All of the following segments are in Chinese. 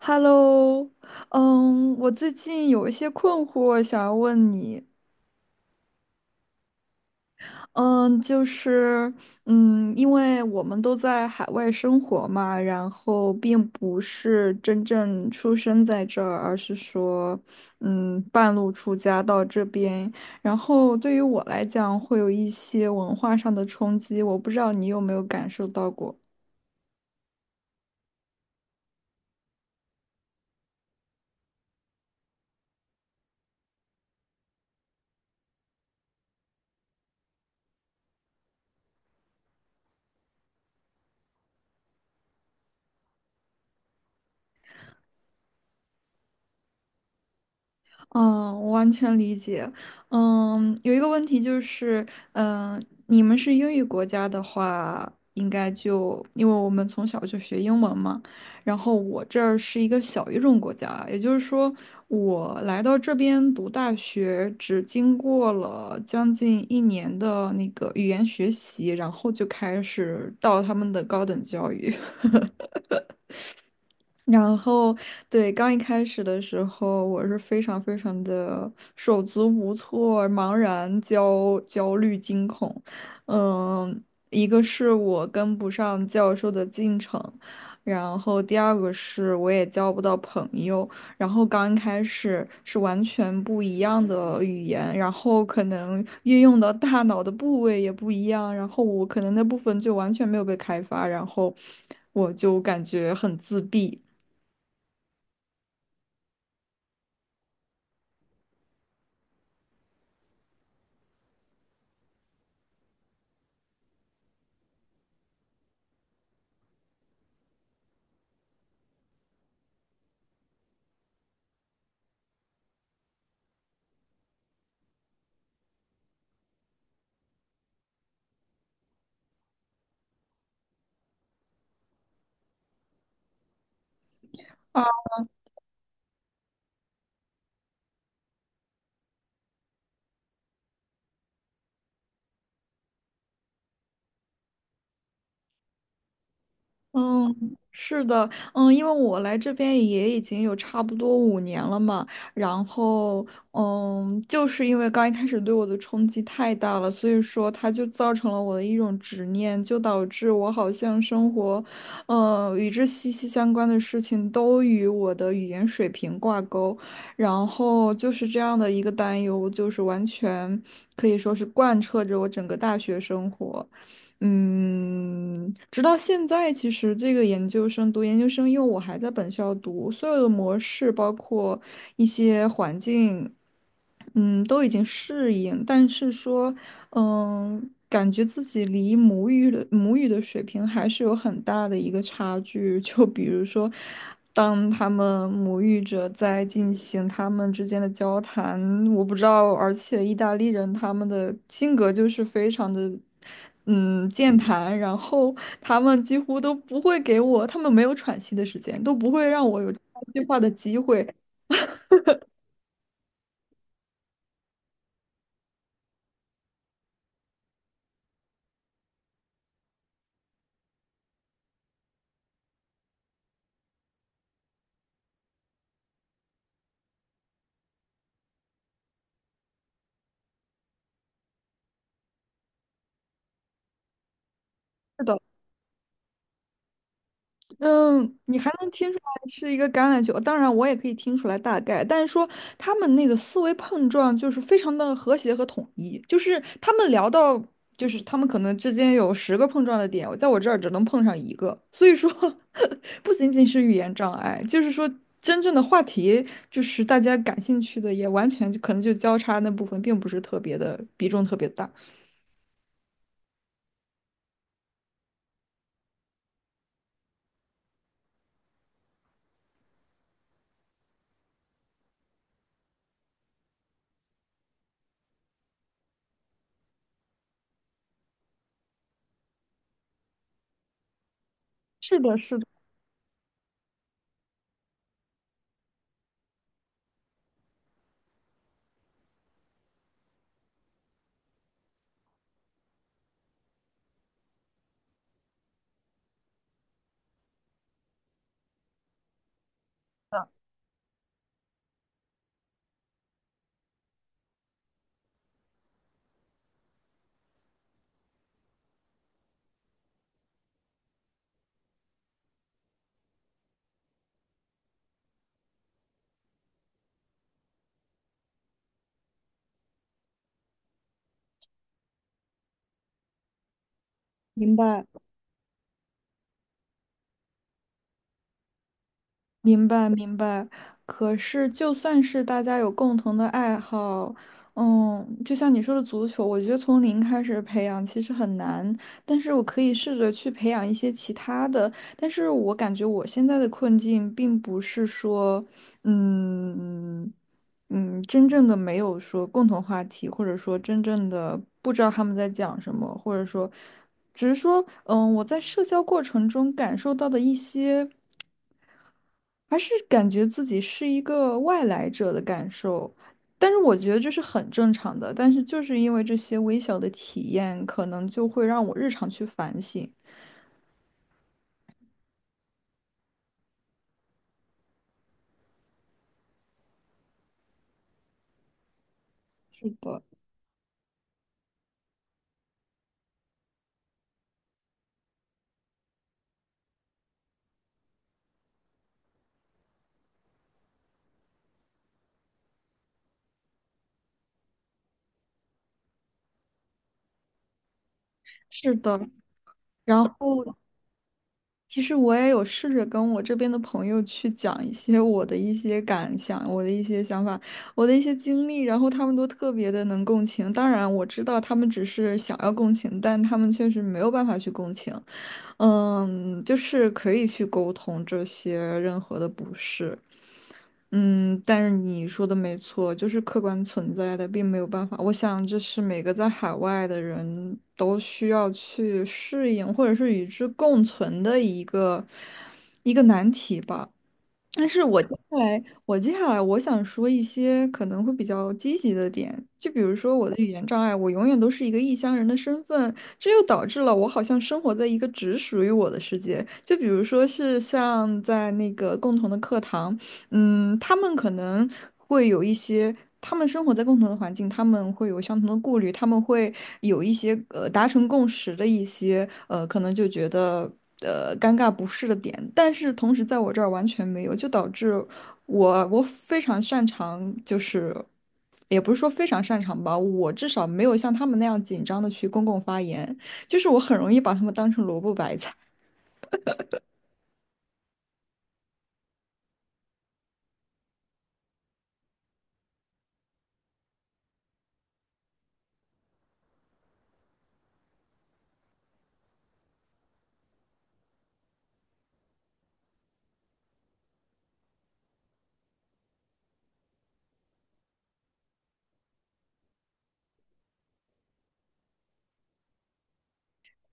Hello，我最近有一些困惑想要问你，嗯，就是，因为我们都在海外生活嘛，然后并不是真正出生在这儿，而是说，半路出家到这边，然后对于我来讲会有一些文化上的冲击，我不知道你有没有感受到过。嗯，我完全理解。有一个问题就是，你们是英语国家的话，应该就因为我们从小就学英文嘛。然后我这儿是一个小语种国家，也就是说，我来到这边读大学，只经过了将近一年的那个语言学习，然后就开始到他们的高等教育。然后，对，刚一开始的时候，我是非常非常的手足无措、茫然、焦虑、惊恐。嗯，一个是我跟不上教授的进程，然后第二个是我也交不到朋友。然后刚开始是完全不一样的语言，然后可能运用到大脑的部位也不一样，然后我可能那部分就完全没有被开发，然后我就感觉很自闭。啊，嗯，是的，因为我来这边也已经有差不多5年了嘛，然后，就是因为刚一开始对我的冲击太大了，所以说它就造成了我的一种执念，就导致我好像生活，与之息息相关的事情都与我的语言水平挂钩，然后就是这样的一个担忧，就是完全可以说是贯彻着我整个大学生活。直到现在，其实这个研究生读研究生，因为我还在本校读，所有的模式，包括一些环境，都已经适应，但是说，感觉自己离母语的水平还是有很大的一个差距。就比如说，当他们母语者在进行他们之间的交谈，我不知道，而且意大利人他们的性格就是非常的，健谈，然后他们几乎都不会给我，他们没有喘息的时间，都不会让我有插一句话的机会。是的。嗯，你还能听出来是一个橄榄球，当然我也可以听出来大概，但是说他们那个思维碰撞就是非常的和谐和统一，就是他们聊到，就是他们可能之间有10个碰撞的点，我在我这儿只能碰上一个，所以说 不仅仅是语言障碍，就是说真正的话题，就是大家感兴趣的，也完全就可能就交叉那部分并不是特别的比重特别大。是的，是的，明白。明白明白，可是就算是大家有共同的爱好，就像你说的足球，我觉得从零开始培养其实很难，但是我可以试着去培养一些其他的。但是我感觉我现在的困境并不是说，嗯真正的没有说共同话题，或者说真正的不知道他们在讲什么，或者说，只是说，我在社交过程中感受到的一些。还是感觉自己是一个外来者的感受，但是我觉得这是很正常的。但是就是因为这些微小的体验，可能就会让我日常去反省。是的，是的。然后其实我也有试着跟我这边的朋友去讲一些我的一些感想、我的一些想法、我的一些经历，然后他们都特别的能共情。当然，我知道他们只是想要共情，但他们确实没有办法去共情。就是可以去沟通这些任何的不适。但是你说的没错，就是客观存在的，并没有办法。我想这是每个在海外的人都需要去适应，或者是与之共存的一个难题吧。但是我接下来我想说一些可能会比较积极的点，就比如说我的语言障碍，我永远都是一个异乡人的身份，这又导致了我好像生活在一个只属于我的世界。就比如说是像在那个共同的课堂，他们可能会有一些，他们生活在共同的环境，他们会有相同的顾虑，他们会有一些达成共识的一些可能就觉得尴尬不适的点，但是同时在我这儿完全没有，就导致我非常擅长，就是也不是说非常擅长吧，我至少没有像他们那样紧张的去公共发言，就是我很容易把他们当成萝卜白菜。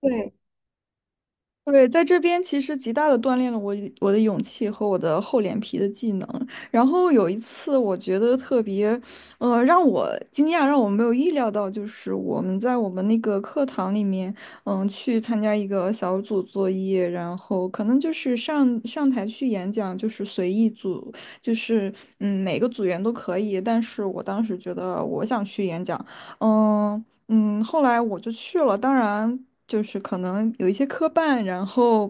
对，对，在这边其实极大的锻炼了我与我的勇气和我的厚脸皮的技能。然后有一次，我觉得特别，让我惊讶，让我没有意料到，就是我们在我们那个课堂里面，去参加一个小组作业，然后可能就是上台去演讲，就是随意组，就是每个组员都可以。但是我当时觉得我想去演讲，嗯。后来我就去了，当然就是可能有一些磕绊，然后，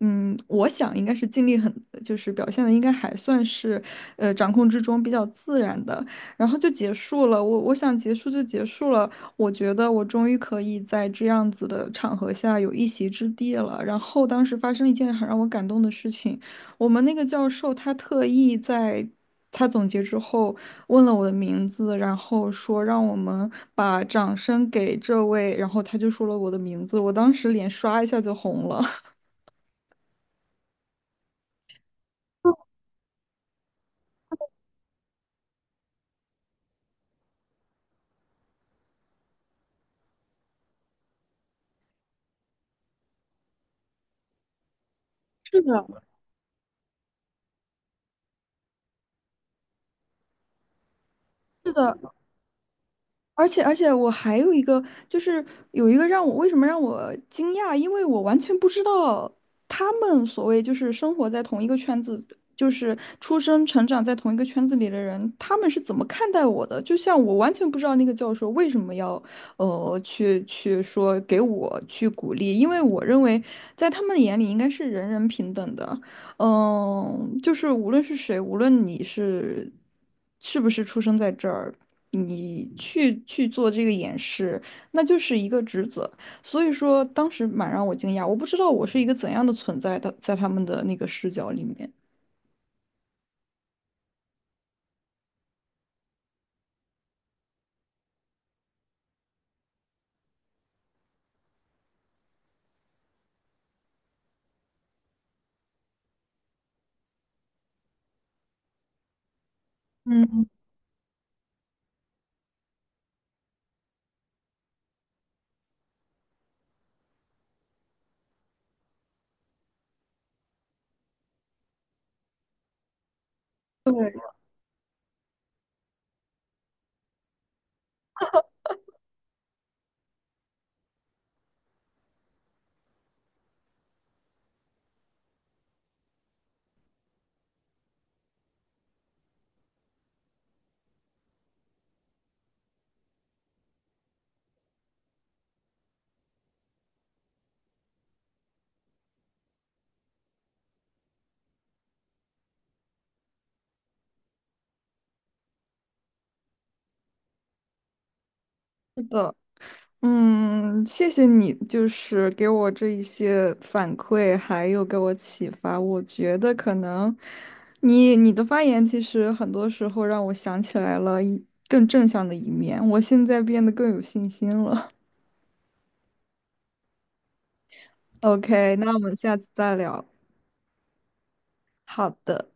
我想应该是尽力很，就是表现的应该还算是，掌控之中比较自然的，然后就结束了。我想结束就结束了，我觉得我终于可以在这样子的场合下有一席之地了。然后当时发生一件很让我感动的事情，我们那个教授他特意在。他总结之后，问了我的名字，然后说让我们把掌声给这位，然后他就说了我的名字，我当时脸刷一下就红了。是的，是的。而且我还有一个，就是有一个让我为什么让我惊讶，因为我完全不知道他们所谓就是生活在同一个圈子，就是出生成长在同一个圈子里的人，他们是怎么看待我的？就像我完全不知道那个教授为什么要去说给我去鼓励，因为我认为在他们眼里应该是人人平等的。就是无论是谁，无论你是不是出生在这儿，你去做这个演示，那就是一个职责。所以说，当时蛮让我惊讶，我不知道我是一个怎样的存在的，在他们的那个视角里面。嗯，对，是的。谢谢你，就是给我这一些反馈，还有给我启发。我觉得可能你的发言其实很多时候让我想起来了一更正向的一面，我现在变得更有信心了。OK，那我们下次再聊。好的。